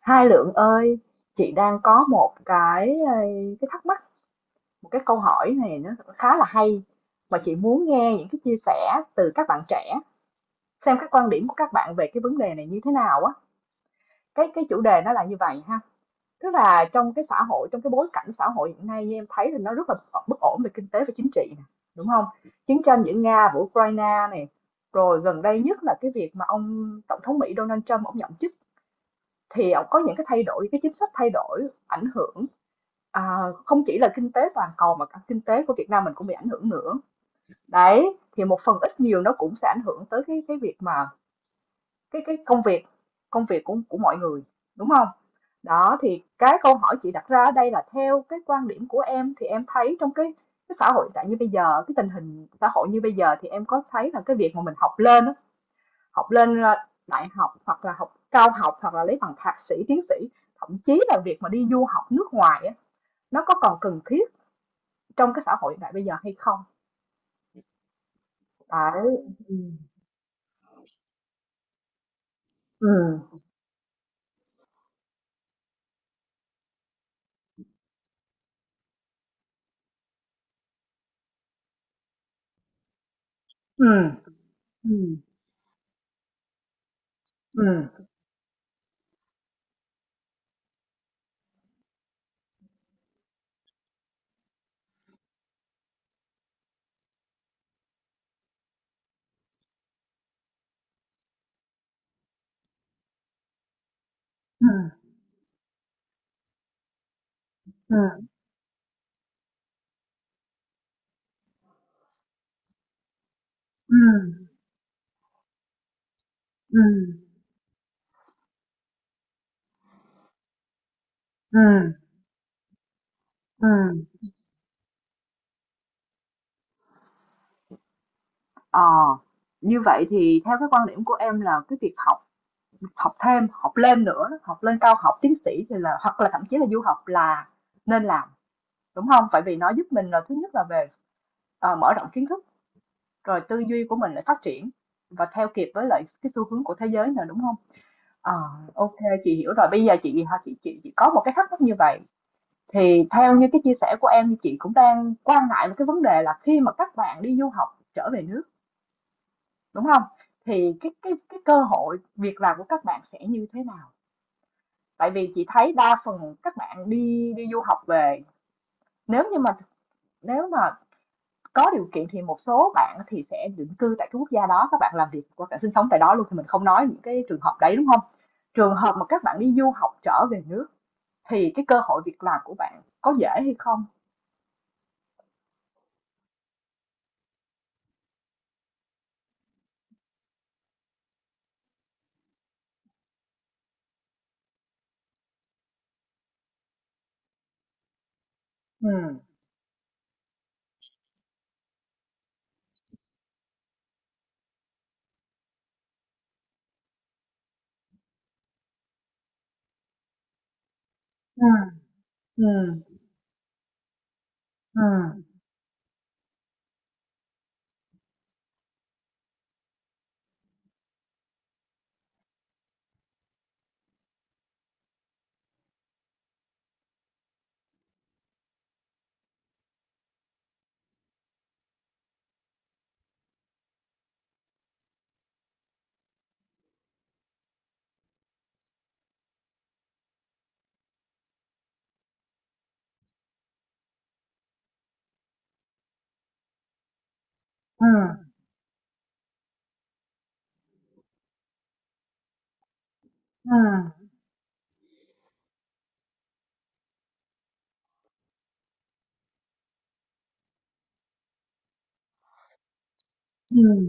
Hai Lượng ơi, chị đang có một cái, ờ, cái thắc mắc, một cái câu hỏi này nó khá là hay mà chị muốn nghe những cái chia sẻ từ các bạn trẻ, xem các quan điểm của các bạn về cái vấn đề này như thế nào á. Cái chủ đề nó là như vậy ha, tức là trong cái xã hội, trong cái bối cảnh xã hội hiện nay như em thấy thì nó rất là bất ổn về kinh tế và chính trị nè, đúng không? Chiến tranh giữa Nga và Ukraine này, rồi gần đây nhất là cái việc mà ông Tổng thống Mỹ Donald Trump ông nhậm chức thì ông có những cái thay đổi, cái chính sách thay đổi ảnh hưởng. À, Không chỉ là kinh tế toàn cầu mà cả kinh tế của Việt Nam mình cũng bị ảnh hưởng nữa. Đấy, thì một phần ít nhiều nó cũng sẽ ảnh hưởng tới cái việc mà cái công việc của mọi người, đúng không? Đó, thì cái câu hỏi chị đặt ra ở đây là theo cái quan điểm của em thì em thấy trong cái xã hội tại như bây giờ, cái tình hình xã hội như bây giờ thì em có thấy là cái việc mà mình học lên á, học lên à, đại học hoặc là học cao học hoặc là lấy bằng thạc sĩ, tiến sĩ, thậm chí là việc mà đi du học nước ngoài á, nó có còn cần thiết trong cái xã hội hiện đại bây giờ hay không. Đấy, ừ, ừ, ừ, ừ, ừ, ừ, ừ, ừ, ừ, ừ, ừ, ờ, như vậy thì theo cái quan điểm của em là cái việc học học thêm học lên nữa học lên cao học tiến sĩ thì là hoặc là thậm chí là du học là nên làm, đúng không? Tại vì nó giúp mình là thứ nhất là về mở rộng kiến thức, rồi tư duy của mình lại phát triển và theo kịp với lại cái xu hướng của thế giới nữa, đúng không? Ờ, OK, chị hiểu rồi. Bây giờ chị ha chị có một cái thắc mắc như vậy, thì theo như cái chia sẻ của em, thì chị cũng đang quan ngại một cái vấn đề là khi mà các bạn đi du học trở về nước, đúng không? Thì cái cơ hội việc làm của các bạn sẽ như thế nào? Tại vì chị thấy đa phần các bạn đi đi du học về, nếu như mà, nếu mà có điều kiện thì một số bạn thì sẽ định cư tại cái quốc gia đó, các bạn làm việc hoặc bạn sinh sống tại đó luôn, thì mình không nói những cái trường hợp đấy, đúng không? Trường hợp mà các bạn đi du học trở về nước thì cái cơ hội việc làm của bạn có dễ hay không? Ừm, Ừm, ừm, ừm, ừm, ừm, ừm,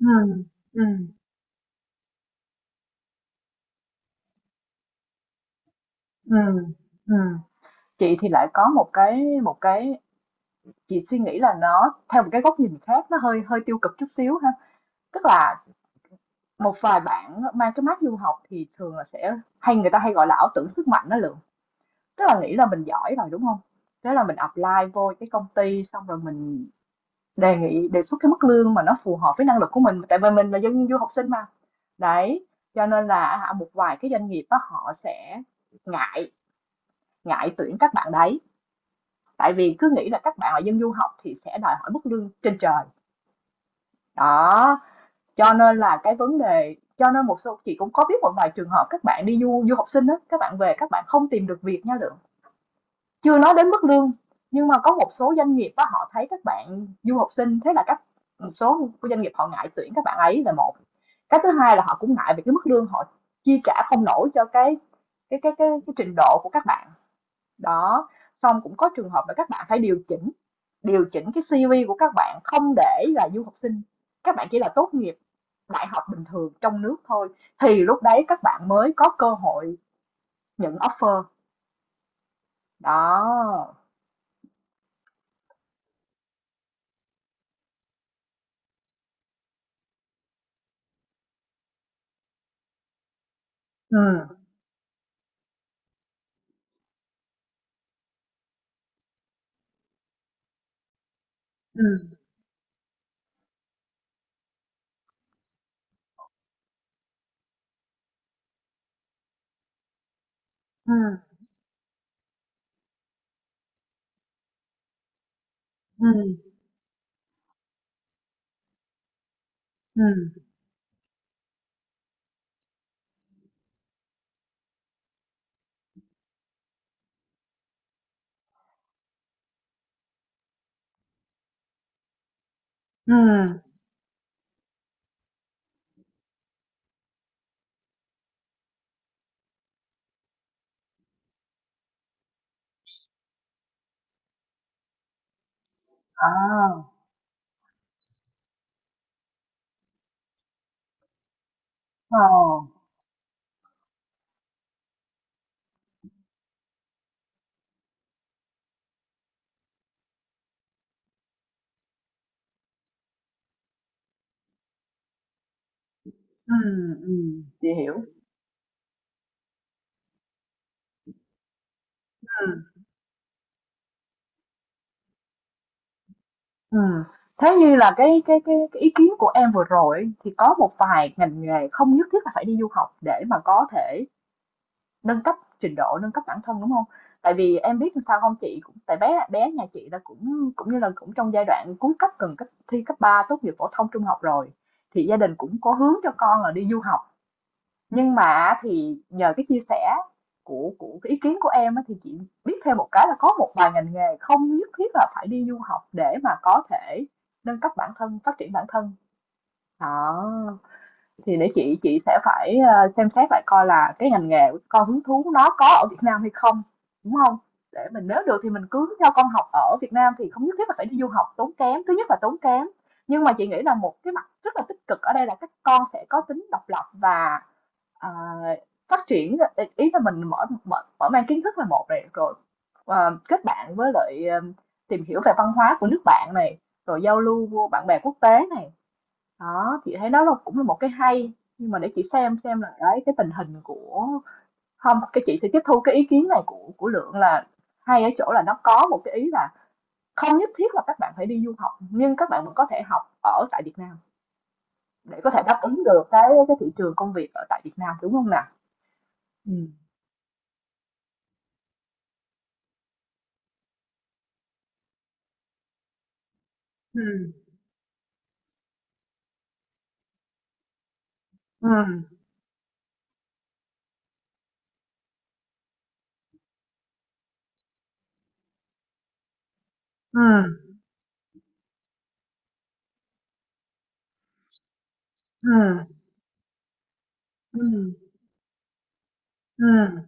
ừm, ừm, ừm, ừm. Chị thì lại có một cái, một cái, chị suy nghĩ là nó theo một cái góc nhìn khác, nó hơi hơi tiêu cực chút xíu ha. Tức là một vài bạn mang cái mác du học thì thường là sẽ hay, người ta hay gọi là ảo tưởng sức mạnh đó Lượng. Tức là nghĩ là mình giỏi rồi, đúng không? Thế là mình apply vô cái công ty xong rồi mình đề nghị đề xuất cái mức lương mà nó phù hợp với năng lực của mình, tại vì mình là dân du học sinh mà. Đấy, cho nên là một vài cái doanh nghiệp đó họ sẽ ngại ngại tuyển các bạn đấy, tại vì cứ nghĩ là các bạn là dân du học thì sẽ đòi hỏi mức lương trên trời. Đó, cho nên là cái vấn đề, cho nên một số chị cũng có biết một vài trường hợp các bạn đi du du học sinh đó, các bạn về các bạn không tìm được việc nha Lượng. Chưa nói đến mức lương, nhưng mà có một số doanh nghiệp á, họ thấy các bạn du học sinh, thế là các, một số doanh nghiệp họ ngại tuyển các bạn ấy là một. Cái thứ hai là họ cũng ngại về cái mức lương, họ chi trả không nổi cho cái trình độ của các bạn. Đó, xong cũng có trường hợp là các bạn phải điều chỉnh cái CV của các bạn không để là du học sinh, các bạn chỉ là tốt nghiệp đại học bình thường trong nước thôi thì lúc đấy các bạn mới có cơ hội nhận offer. Đó. Ừ, ừ, ừ, ừm, ừm, ừm. À, ờ. Chị hiểu. Ừm, ừm. Thế như là cái ý kiến của em vừa rồi ấy, thì có một vài ngành nghề không nhất thiết là phải đi du học để mà có thể nâng cấp trình độ, nâng cấp bản thân, đúng không? Tại vì em biết làm sao không chị? Cũng tại bé bé nhà chị là cũng cũng như là cũng trong giai đoạn cuối cấp gần cấp thi cấp 3 tốt nghiệp phổ thông trung học rồi, thì gia đình cũng có hướng cho con là đi du học. Nhưng mà thì nhờ cái chia sẻ của cái ý kiến của em á thì chị biết thêm một cái là có một vài ngành nghề không nhất thiết là phải đi du học để mà có thể nâng cấp bản thân, phát triển bản thân. Đó. Thì để chị sẽ phải xem xét lại coi là cái ngành nghề của con hứng thú nó có ở Việt Nam hay không, đúng không? Để mình nếu được thì mình cứ cho con học ở Việt Nam thì không nhất thiết là phải đi du học tốn kém. Thứ nhất là tốn kém. Nhưng mà chị nghĩ là một cái mặt rất là tích cực ở đây là các con sẽ có tính độc lập và à, phát triển, ý ý là mình mở mở, mở mang kiến thức là một này, rồi kết bạn với lại tìm hiểu về văn hóa của nước bạn này, rồi giao lưu với bạn bè quốc tế này, đó chị thấy đó là cũng là một cái hay. Nhưng mà để chị xem là đấy cái tình hình của, không cái chị sẽ tiếp thu cái ý kiến này của Lượng là hay ở chỗ là nó có một cái ý là không nhất thiết là các bạn phải đi du học nhưng các bạn vẫn có thể học ở tại Việt Nam để có thể đáp ứng được cái thị trường công việc ở tại Việt Nam, đúng không nào? Ừ. Ừ. Ừm, ừm, ừm, ừm, ừm,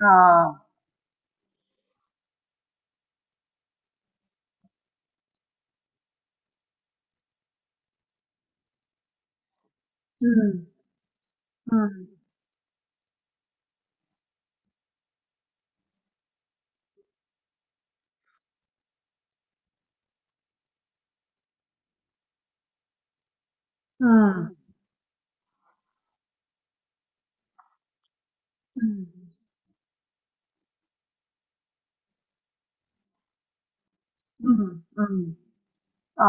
ờ, ừm, ừm, ừm, ừm, ừm, ừm, ờ,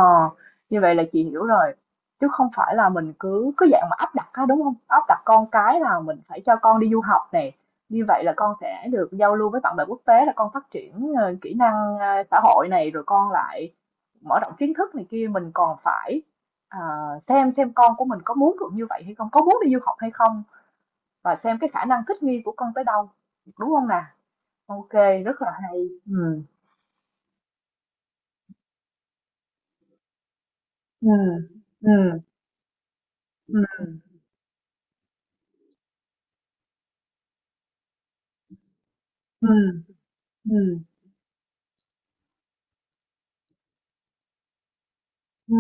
như vậy là chị hiểu rồi. Chứ không phải là mình cứ cứ dạng mà áp đặt á, đúng không? Áp đặt con cái là mình phải cho con đi du học này, như vậy là con sẽ được giao lưu với bạn bè quốc tế, là con phát triển, ờ, kỹ năng, a, xã hội này, rồi con lại mở rộng kiến thức này kia, mình còn phải, ờ, xem con của mình có muốn được như vậy hay không, có muốn đi du học hay không. Và xem cái khả năng thích nghi của con tới đâu, đúng không nè? OK, rất là hay. Ừ, ừ, ừ, ừ, ừ, ừ, ừ,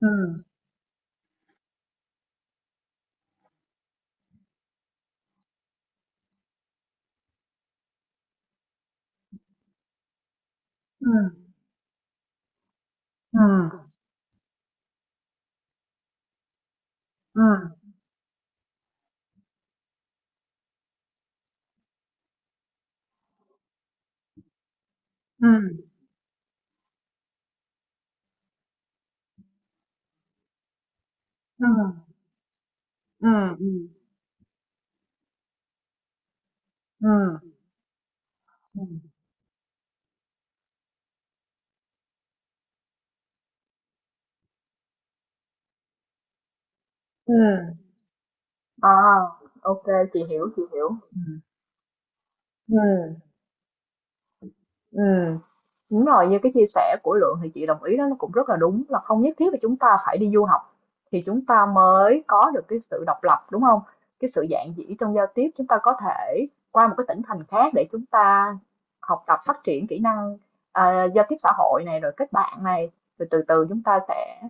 ừ, ừ, ừ, ừ, ừ, ừ, ừ, ừ, ừ, ừ, à, ok, chị hiểu. Ừ, ừ, ừ. Đúng rồi, như cái chia sẻ của Lượng thì chị đồng ý đó, nó cũng rất là đúng, là không nhất thiết là chúng ta phải đi du học thì chúng ta mới có được cái sự độc lập, đúng không? Cái sự dạn dĩ trong giao tiếp, chúng ta có thể qua một cái tỉnh thành khác để chúng ta học tập phát triển kỹ năng, giao tiếp xã hội này rồi kết bạn này, rồi từ từ chúng ta sẽ,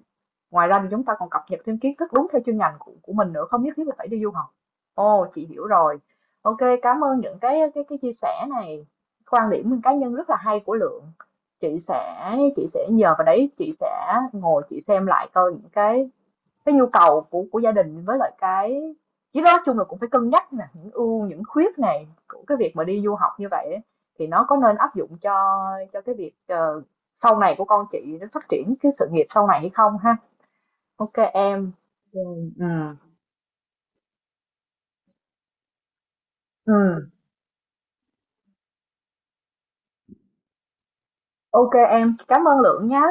ngoài ra thì chúng ta còn cập nhật thêm kiến thức đúng theo chuyên ngành của mình nữa, không nhất thiết là phải đi du học. Ồ, chị hiểu rồi. OK, cảm ơn những cái chia sẻ này, quan điểm cá nhân rất là hay của Lượng. Chị sẽ chị sẽ nhờ vào đấy, chị sẽ ngồi chị xem lại coi những cái nhu cầu của gia đình với lại cái, chứ nói chung là cũng phải cân nhắc nè những ưu những khuyết này của cái việc mà đi du học như vậy ấy, thì nó có nên áp dụng cho cái việc sau này của con chị nó phát triển cái sự nghiệp sau này hay không ha. OK em. Rồi. Ừ. Ừ. OK em, cảm ơn Lượng nhá.